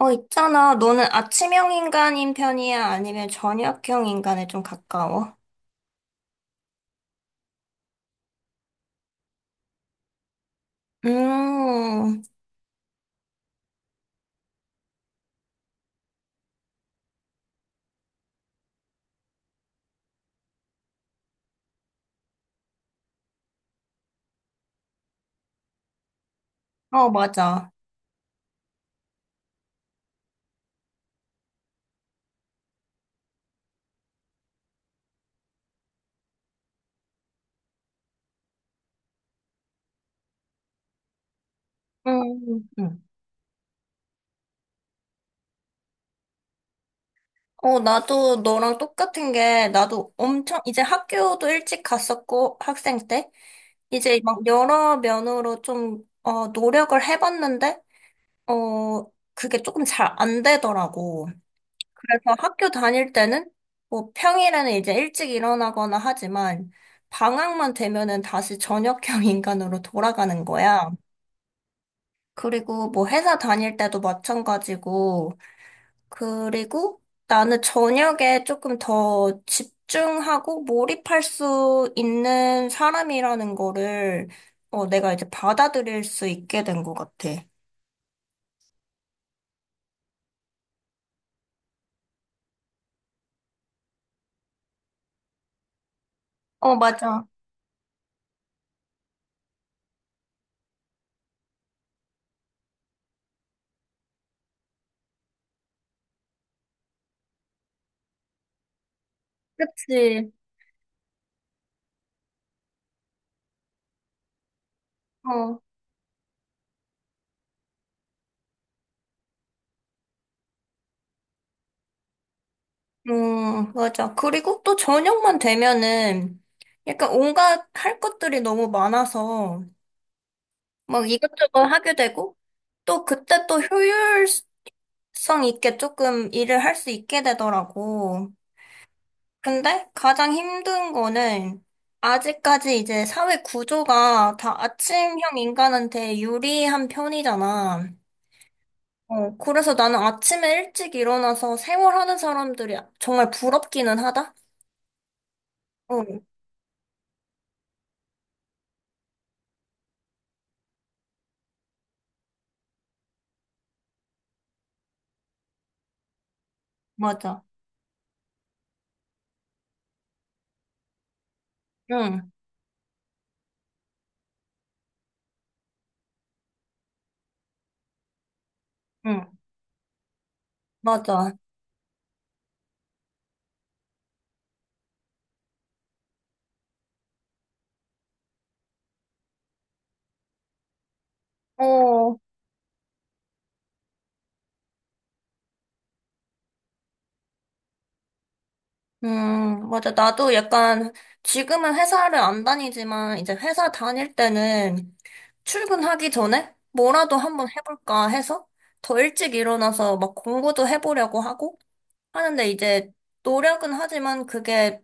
있잖아. 너는 아침형 인간인 편이야? 아니면 저녁형 인간에 좀 가까워? 음. 어, 맞아. 음, 음. 나도 너랑 똑같은 게, 나도 엄청, 이제 학교도 일찍 갔었고, 학생 때. 이제 막 여러 면으로 좀, 노력을 해봤는데, 그게 조금 잘 안 되더라고. 그래서 학교 다닐 때는 뭐 평일에는 이제 일찍 일어나거나 하지만 방학만 되면은 다시 저녁형 인간으로 돌아가는 거야. 그리고 뭐 회사 다닐 때도 마찬가지고 그리고 나는 저녁에 조금 더 집중하고 몰입할 수 있는 사람이라는 거를 내가 이제 받아들일 수 있게 된 것 같아. 어, 맞아. 그치. 어. 맞아. 그리고 또 저녁만 되면은 약간 온갖 할 것들이 너무 많아서 막 이것저것 하게 되고 또 그때 또 효율성 있게 조금 일을 할 수 있게 되더라고. 근데 가장 힘든 거는 아직까지 이제 사회 구조가 다 아침형 인간한테 유리한 편이잖아. 그래서 나는 아침에 일찍 일어나서 생활하는 사람들이 정말 부럽기는 하다? 어, 맞아. 응, 응, 맞아. 어, 맞아. 나도 약간, 지금은 회사를 안 다니지만, 이제 회사 다닐 때는 출근하기 전에 뭐라도 한번 해볼까 해서 더 일찍 일어나서 막 공부도 해보려고 하고 하는데 이제 노력은 하지만 그게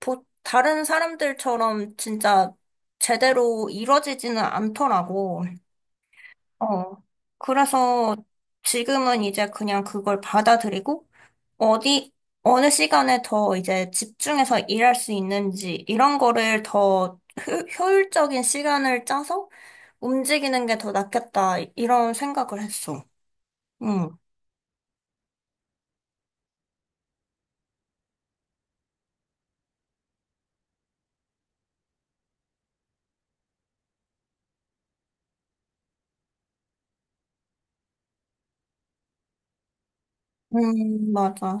다른 사람들처럼 진짜 제대로 이뤄지지는 않더라고. 어. 그래서 지금은 이제 그냥 그걸 받아들이고, 어디, 어느 시간에 더 이제 집중해서 일할 수 있는지, 이런 거를 더 효율적인 시간을 짜서 움직이는 게 더 낫겠다, 이런 생각을 했어. 응. 맞아.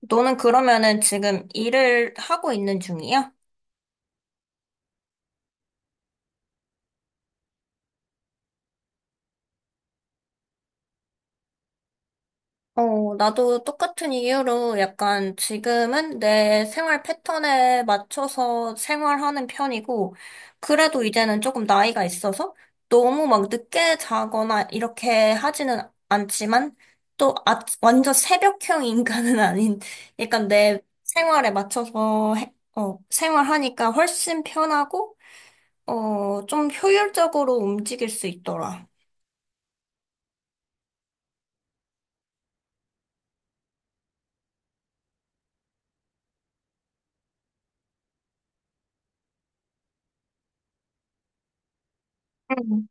너는 그러면은 지금 일을 하고 있는 중이야? 나도 똑같은 이유로 약간 지금은 내 생활 패턴에 맞춰서 생활하는 편이고, 그래도 이제는 조금 나이가 있어서 너무 막 늦게 자거나 이렇게 하지는 않지만, 또 완전 새벽형 인간은 아닌, 약간 내 생활에 맞춰서 생활하니까 훨씬 편하고, 좀 효율적으로 움직일 수 있더라. 음.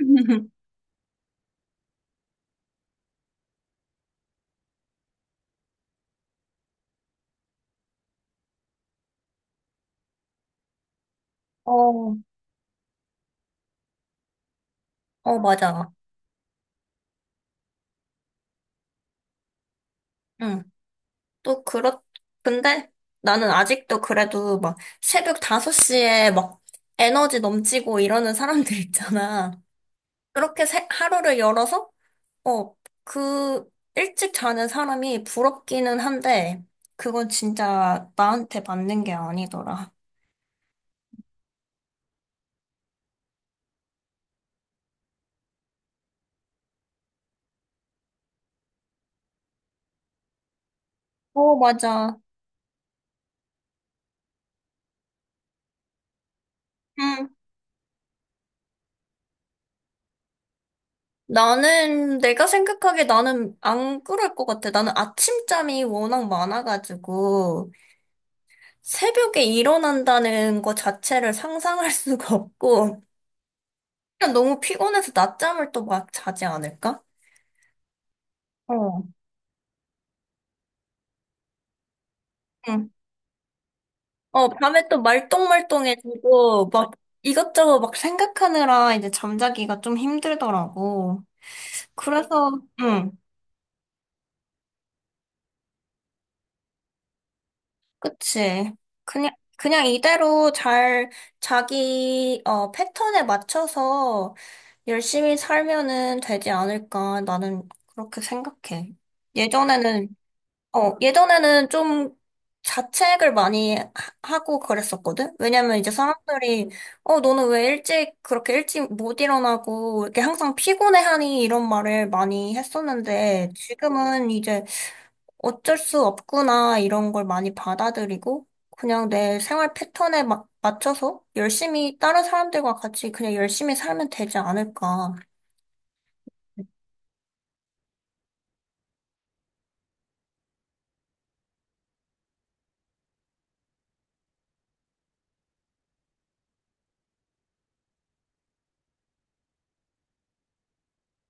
어, 어, 맞아. 응. 또 근데 나는 아직도 그래도 막 새벽 5시에 막 에너지 넘치고 이러는 사람들 있잖아. 그렇게 하루를 열어서, 어, 그 일찍 자는 사람이 부럽기는 한데, 그건 진짜 나한테 맞는 게 아니더라. 어, 맞아. 응. 나는, 내가 생각하기에 나는 안 그럴 것 같아. 나는 아침잠이 워낙 많아가지고, 새벽에 일어난다는 것 자체를 상상할 수가 없고, 그냥 너무 피곤해서 낮잠을 또 막 자지 않을까? 어. 응. 밤에 또 말똥말똥해지고, 막 이것저것 막 생각하느라 이제 잠자기가 좀 힘들더라고. 그래서, 응, 그치. 그냥, 그냥 이대로 잘 자기, 패턴에 맞춰서 열심히 살면은 되지 않을까. 나는 그렇게 생각해. 예전에는 예전에는 좀 자책을 많이 하고 그랬었거든? 왜냐면 이제 사람들이, 너는 왜 일찍, 그렇게 일찍 못 일어나고, 이렇게 항상 피곤해하니? 이런 말을 많이 했었는데, 지금은 이제 어쩔 수 없구나, 이런 걸 많이 받아들이고, 그냥 내 생활 패턴에 맞춰서 열심히, 다른 사람들과 같이 그냥 열심히 살면 되지 않을까.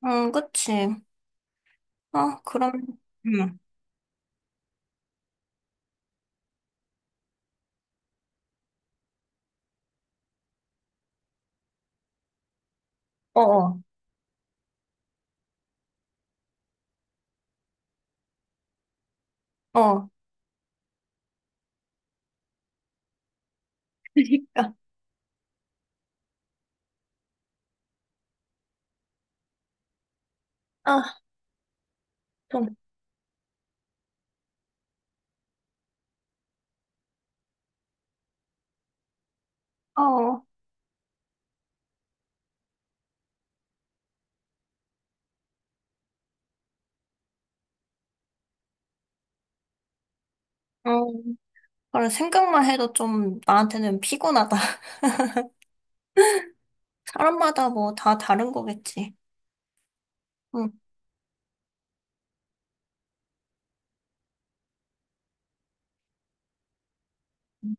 응, 그치. 아, 그럼, 응, 어어, 어. 그러니까. 아, 좀 어, 음, 그래, 생각만 해도 좀 나한테는 피곤하다. 사람마다 뭐 다 다른 거겠지. 응,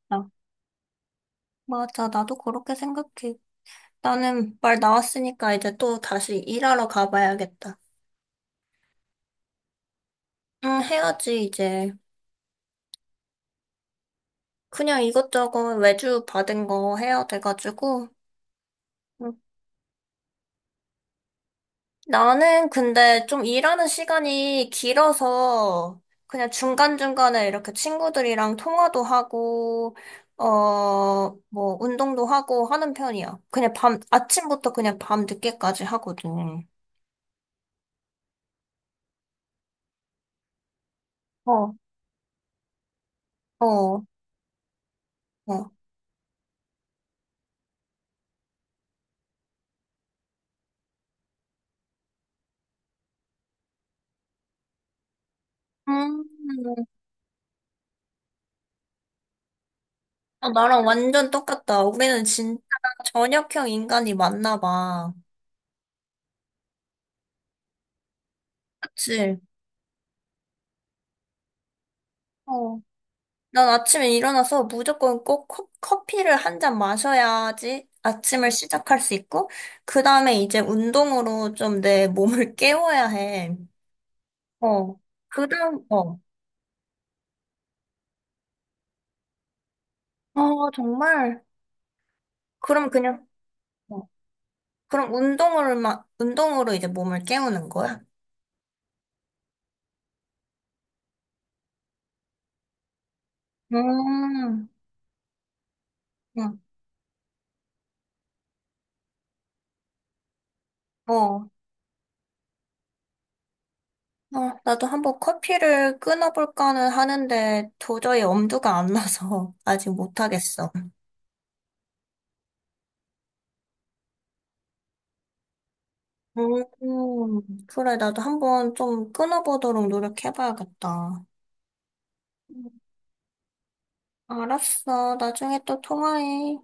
아, 맞아. 나도 그렇게 생각해. 나는 말 나왔으니까 이제 또 다시 일하러 가봐야겠다. 응, 해야지, 이제. 그냥 이것저것 외주 받은 거 해야 돼가지고. 응. 나는 근데 좀 일하는 시간이 길어서 그냥 중간중간에 이렇게 친구들이랑 통화도 하고, 어, 뭐, 운동도 하고 하는 편이야. 그냥 밤, 아침부터 그냥 밤 늦게까지 하거든. 어, 어, 어. 음, 아, 나랑 완전 똑같다. 우리는 진짜 저녁형 인간이 맞나 봐. 그치? 어. 난 아침에 일어나서 무조건 꼭 커피를 한 잔 마셔야지 아침을 시작할 수 있고, 그 다음에 이제 운동으로 좀 내 몸을 깨워야 해. 어. 그 다음, 어. 어, 정말. 그럼 그냥, 어. 그럼 운동으로 이제 몸을 깨우는 거야? 음, 응, 어. 나도 한번 커피를 끊어볼까는 하는데 도저히 엄두가 안 나서 아직 못하겠어. 음, 그래, 나도 한번 좀 끊어보도록 노력해봐야겠다. 알았어. 나중에 또 통화해.